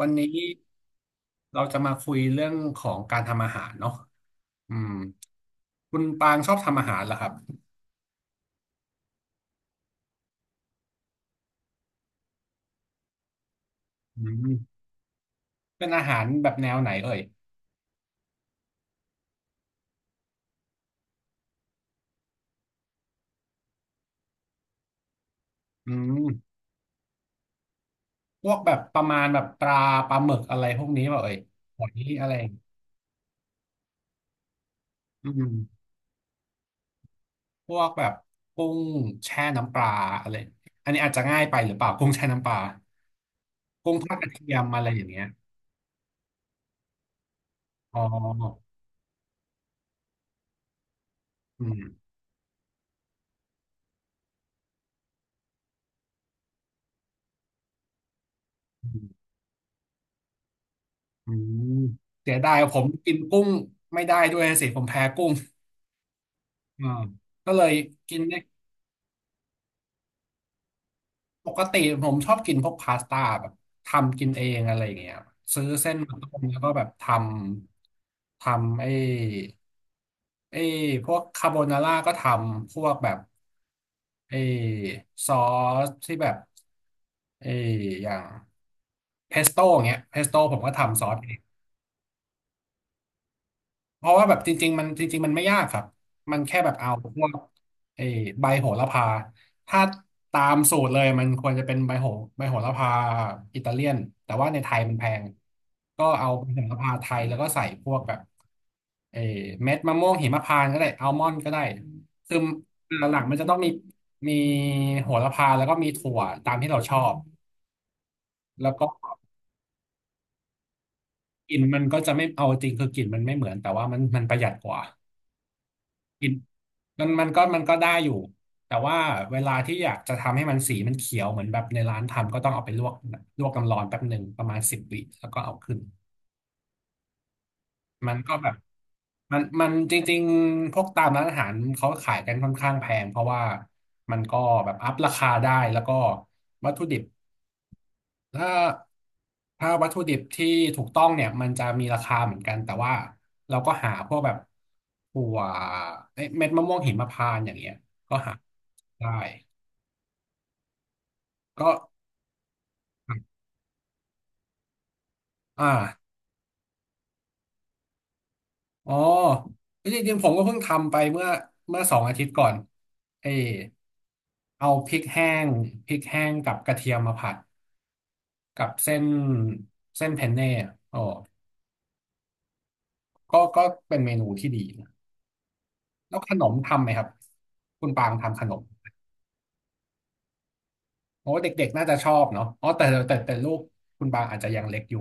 วันนี้เราจะมาคุยเรื่องของการทำอาหารเนาะอืมคุณปางชอบทำอาหารเหรอครับอืมเป็นอาหารแบบแนวไหนเอ่ยอืมพวกแบบประมาณแบบปลาปลาหมึกอะไรพวกนี้เปล่าเอ่ยหอยอะไรอืมพวกแบบกุ้งแช่น้ำปลาอะไรอันนี้อาจจะง่ายไปหรือเปล่ากุ้งแช่น้ำปลากุ้งทอดกระเทียมอะไรอย่างเงี้ยอ๋ออืมอืมอืมเสียดายผมกินกุ้งไม่ได้ด้วยสิผมแพ้กุ้ง อ่าก็เลยกินได้ปกติผมชอบกินพวกพาสต้าแบบทำกินเองอะไรอย่างเงี้ยซื้อเส้นมาต้มแล้วก็แบบทำไอ้ไอ้พวกคาโบนาร่าก็ทำพวกแบบไอ้ซอสที่แบบไอ้อย่างเพสโต้เงี้ยเพสโต้ผมก็ทำซอส เพราะว่าแบบจริงๆมันจริงๆมันไม่ยากครับมันแค่แบบเอาพวกไอ้ใบโหระพาถ้าตามสูตรเลยมันควรจะเป็นใบโหระพาอิตาเลียนแต่ว่าในไทยมันแพงก็เอาใบโหระพาไทยแล้วก็ใส่พวกแบบไอ้เม็ดมะม่วงหิมพานต์ก็ได้อัลมอนด์ก็ได้คือหลักๆมันจะต้องมีโหระพาแล้วก็มีถั่วตามที่เราชอบแล้วก็กลิ่นมันก็จะไม่เอาจริงคือกลิ่นมันไม่เหมือนแต่ว่ามันประหยัดกว่า มันก็ได้อยู่แต่ว่าเวลาที่อยากจะทำให้มันสีมันเขียวเหมือนแบบในร้านทำก็ต้องเอาไปลวกลวกน้ำร้อนแป๊บหนึ่งประมาณ10 วิแล้วก็เอาขึ้นมันก็แบบมันจริงๆพวกตามร้านอาหารเขาขายกันค่อนข้างแพงเพราะว่ามันก็แบบอัพราคาได้แล้วก็วัตถุดิบถ้าถ้าวัตถุดิบที่ถูกต้องเนี่ยมันจะมีราคาเหมือนกันแต่ว่าเราก็หาพวกแบบถั่วเอ้ยเม็ดมะม่วงหิมพานต์อย่างเงี้ยก็หาได้ ก็อ่าอ๋อจริงๆผมก็เพิ่งทำไปเมื่อ2 อาทิตย์ก่อนเออเอาพริกแห้งกับกระเทียมมาผัดกับเส้นเพนเน่อะอ๋อก็เป็นเมนูที่ดีนะแล้วขนมทำไหมครับคุณปางทำขนมโอ้เด็กๆน่าจะชอบเนาะอ๋อแต่ลูกคุณปางอาจจะยังเล็กอยู่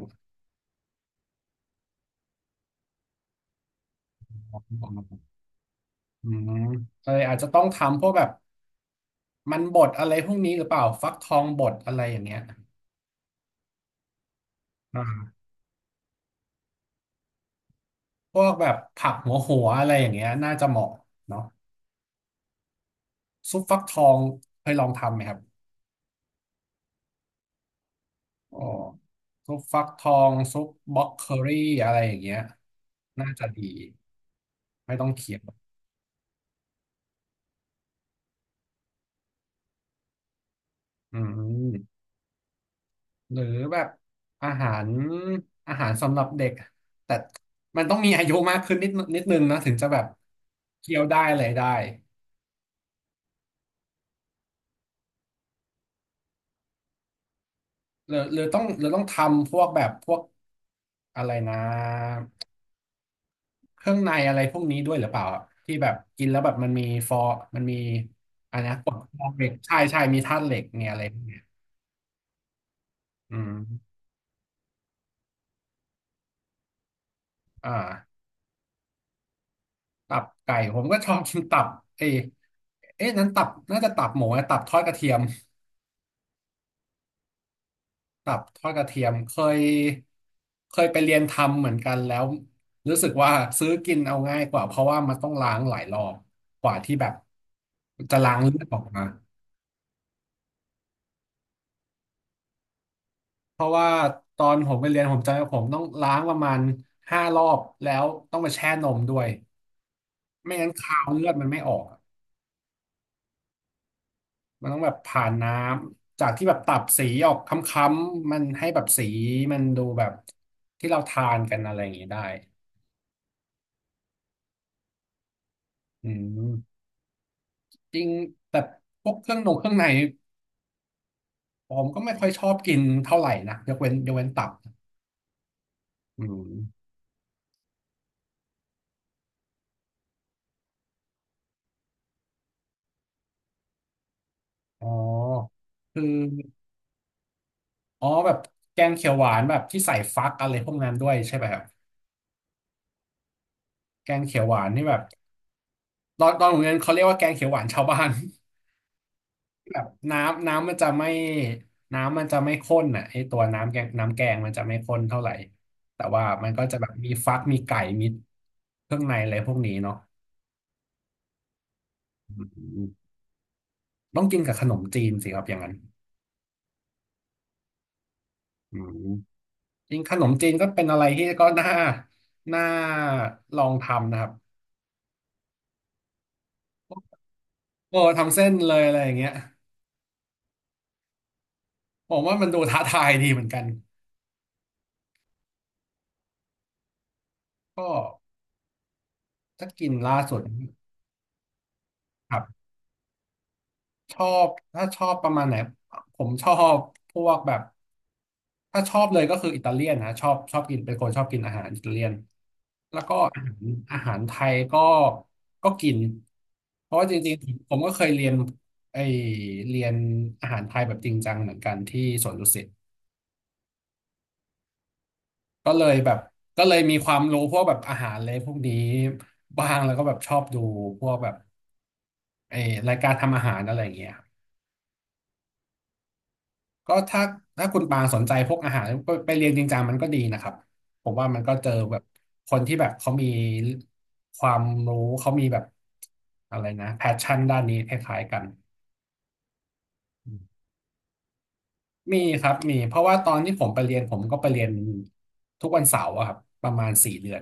อืมเลยอาจจะต้องทำพวกแบบมันบดอะไรพวกนี้หรือเปล่าฟักทองบดอะไรอย่างเงี้ยอ่า พวกแบบผักหัวอะไรอย่างเงี้ยน่าจะเหมาะเนาะซุปฟักทองเคยลองทำไหมครับอ๋อซุปฟักทองซุปบล็อกเคอรี่อะไรอย่างเงี้ยน่าจะดีไม่ต้องเคี่ยวอืมหรือแบบอาหารอาหารสำหรับเด็กแต่มันต้องมีอายุมากขึ้นนิดนึงนะถึงจะแบบเคี้ยวได้อะไรได้หรือต้องทำพวกแบบพวกอะไรนะ เครื่องในอะไรพวกนี้ด้วยหรือเปล่าอะที่แบบกินแล้วแบบมันมีฟอร์มันมีอะไรนะกรดฟอร์เหล็กใช่ใช่มีธาตุเหล็กเนี่ยอะไรพวกเนี้ยอืมอ่าตับไก่ผมก็ชอบกินตับเอยเอ๊ะนั้นตับน่าจะตับหมูนะตับทอดกระเทียมตับทอดกระเทียมยเคยไปเรียนทำเหมือนกันแล้วรู้สึกว่าซื้อกินเอาง่ายกว่าเพราะว่ามันต้องล้างหลายรอบกว่าที่แบบจะล้างเลือดออกมา เพราะว่าตอนผมไปเรียนผมจำว่าผมต้องล้างประมาณ5 รอบแล้วต้องไปแช่นมด้วยไม่งั้นคาวเลือดมันไม่ออกอะมันต้องแบบผ่านน้ำจากที่แบบตับสีออกค้ำๆมันให้แบบสีมันดูแบบที่เราทานกันอะไรอย่างนี้ได้อืมจริงแต่พวกเครื่องนงเครื่องในผมก็ไม่ค่อยชอบกินเท่าไหร่นะยกเว้นตับอืมอ๋อคืออ๋อแบบแกงเขียวหวานแบบที่ใส่ฟักอะไรพวกนั้นด้วยใช่ไหมครับ แกงเขียวหวานนี่แบบตอนโรงเรียนเขาเรียกว่าแกงเขียวหวานชาวบ้าน แบบน้ำมันจะไม่ข้นอ่ะไอตัวน้ำแกงมันจะไม่ข้นเท่าไหร่แต่ว่ามันก็จะแบบมีฟักมีไก่มีเครื่องในอะไรพวกนี้เนาะอืมต้องกินกับขนมจีนสิครับอย่างนั้นอืมจริงขนมจีนก็เป็นอะไรที่ก็น่าลองทำนะครับโอ้ทำเส้นเลยอะไรอย่างเงี้ยผมว่ามันดูท้าทายดีเหมือนกันก็ถ้ากินล่าสุดครับ ชอบถ้าชอบประมาณไหนผมชอบพวกแบบถ้าชอบเลยก็คืออิตาเลียนนะชอบกินเป็นคนชอบกินอาหารอิตาเลียนอาหารไทยก็กินเพราะว่าจริงๆผมก็เคยเรียนไอเรียนอาหารไทยแบบจริงจังเหมือนกันที่สวนดุสิตก็เลยแบบก็เลยมีความรู้พวกแบบอาหารเลยพวกนี้บ้างแล้วก็แบบชอบดูพวกแบบไอรายการทำอาหารอะไรอย่างเงี้ย ก็ถ้าคุณปางสนใจพวกอาหารไปเรียนจริงจังมันก็ดีนะครับผมว่ามันก็เจอแบบคนที่แบบเขามีความรู้เขามีแบบอะไรนะแพชชั่นด้านนี้คล้ายๆกันอืมมีครับมีเพราะว่าตอนที่ผมไปเรียนผมก็ไปเรียนทุกวันเสาร์อะครับประมาณ4 เดือน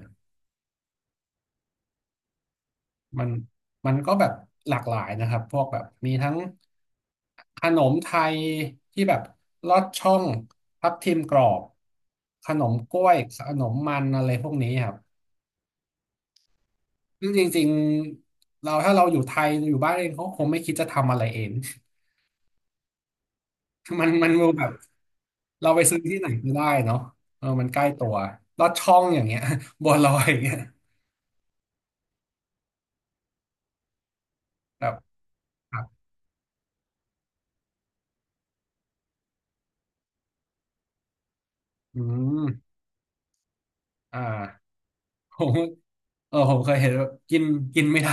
มันมันก็แบบหลากหลายนะครับพวกแบบมีทั้งขนมไทยที่แบบลอดช่องทับทิมกรอบขนมกล้วยขนมมันอะไรพวกนี้ครับซึ่งจริงๆเราถ้าเราอยู่ไทยอยู่บ้านเองเขาคงไม่คิดจะทำอะไรเอง มันแบบเราไปซื้อที่ไหนก็ได้เนาะเออมันใกล้ตัวลอดช่องอย่างเงี้ย บัวลอยอย่างเงี้ยแบบครับอืมอ่าผมเออผมเคยเห็นว่ากินกินไม่ได้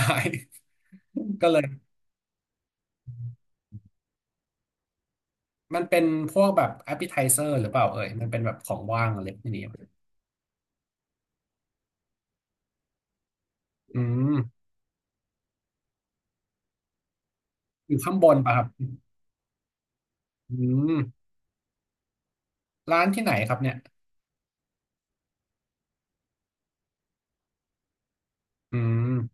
ก็เลยมันเป็นพวกแบบ appetizer หรือเปล่าเอ่ยมันเป็นแบบของว่างอะไรพวกนี้อืมอยู่ข้างบนป่ะครับอืมร้านที่ไหนครับเนี่ยอืม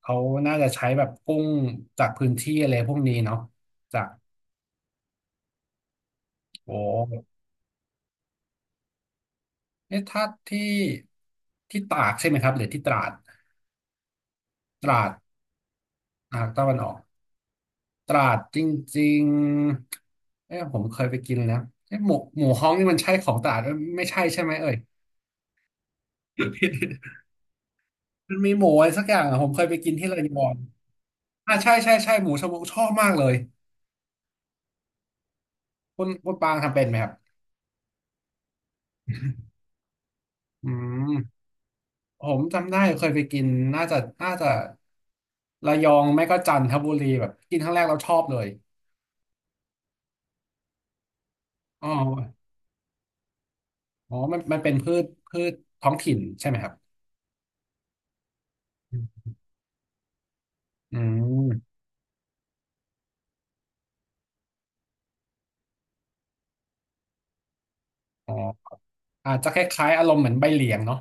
เขาน่าจะใช้แบบกุ้งจากพื้นที่อะไรพวกนี้เนาะจากโอ้เอ่ะถ้าที่ตากใช่ไหมครับหรือที่ตราดตราดอ่าตะวันออกตราดจริงๆเอผมเคยไปกินแล้วเอ๊ะหมูฮ้องนี่มันใช่ของตราดเอ้ยไม่ใช่ใช่ไหมเอ่ย มันมีหมูอะไรสักอย่างอะผมเคยไปกินที่ระยองอ่าใช่ใช่ใช่หมูชะมวชอบมากเลยคุณปางทำเป็นไหมครับอืมผมจำได้เคยไปกินน่าจะน่าจะระยองไม่ก็จันทบุรีแบบกินครั้งแรกเราชอบเลยอ๋ออ๋อมันเป็นพืชท้องถิ่นใช่ไหมครับอืมอ๋ออาจจะคล้ายๆอารมณ์เหมือนใบเหลียงเนาะ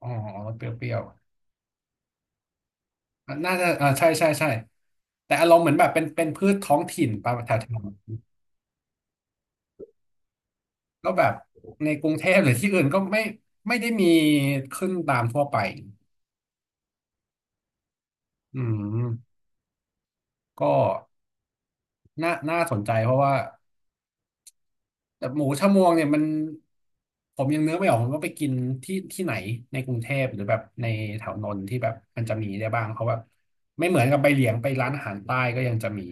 อ๋อเปรี้ยวๆอ่ะน่าจะอ่าใช่ใช่ใช่แต่อารมณ์เหมือนแบบเป็นพืชท้องถิ่นปะแถว แล้วแบบในกรุงเทพหรือที่อื่นก็ไม่ได้มีขึ้นตามทั่วไปอืมก็น่าสนใจเพราะว่าแต่หมูชะมวงเนี่ยมันผมยังนึกไม่ออกผมว่าไปกินที่ไหนในกรุงเทพหรือแบบในแถวนนท์ที่แบบมันจะมีได้บ้างเพราะว่าไม่เหมือนกับไปเหลียงไปร้านอาหารใต้ก็ยังจะมี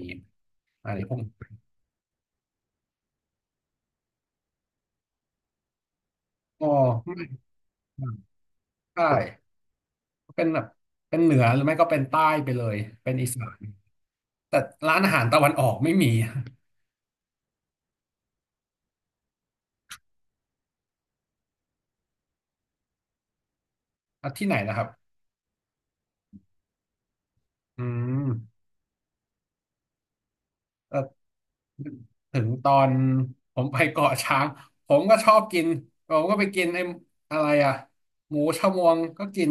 อะไรพวกอ๋อไม่ใช่เป็นแบบเป็นเหนือหรือไม่ก็เป็นใต้ไปเลยเป็นอีสานแต่ร้านอาหารตะวันออกไม่มี อ่ะที่ไหนนะครับ อืมเออถึงตอนผมไปเกาะช้างผมก็ชอบกินผมก็ไปกินไอ้อะไรอ่ะหมูชะมวงก็กิน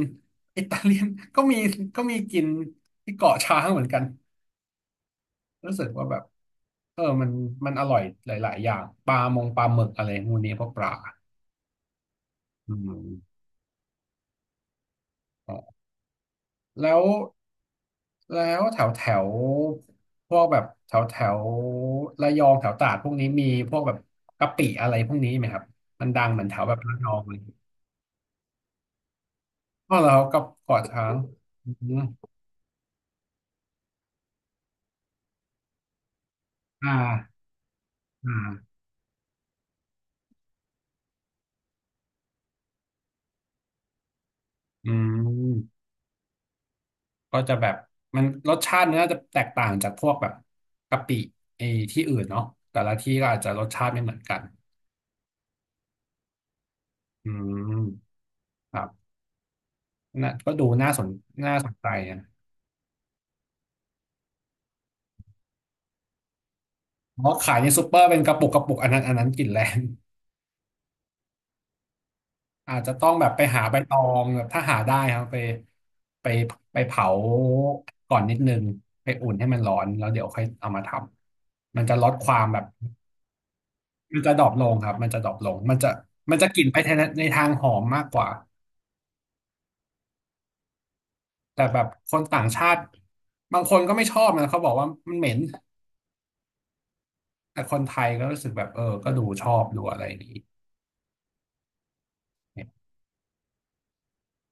อิตาเลียนก็มีกินที่เกาะช้างเหมือนกันรู้สึกว่าแบบเออมันอร่อยหลายๆอย่างปลามงปลาหมึกอะไรพวกนี้พวกปลาอืม แล้วแถวแถวพวกแบบแถวแถวระยองแถวตราดพวกนี้มีพวกแบบกะปิอะไรพวกนี้ไหมครับมันดังเหมือนแถวแบบระยองเลยก็แล้วก็เกาะช้างอืมอ่าอ่าอืมก็จะแบบมันรสชาติมันน่าจะแตกต่างจากพวกแบบกะปิไอ้ที่อื่นเนาะแต่ละที่ก็อาจจะรสชาติไม่เหมือนกันอืมครับน่ะก็ดูน่าสนน่าสนใจนะ เพราะขายในซูเปอร์เป็นกระปุกอันนั้นกลิ่นแรง อาจจะต้องแบบไปหาใบตองแบบถ้าหาได้ครับไปไปไปเผาก่อนนิดนึงไปอุ่นให้มันร้อนแล้วเดี๋ยวค่อยเอามาทำมันจะลดความแบบมันจะดรอปลงครับมันจะดรอปลงมันจะกลิ่นไปในทางหอมมากกว่าแต่แบบคนต่างชาติบางคนก็ไม่ชอบนะเขาบอกว่ามันเหม็นแต่คนไทยก็รู้สึกแบบเออก็ดูชอบดูอะไรอย่างนี้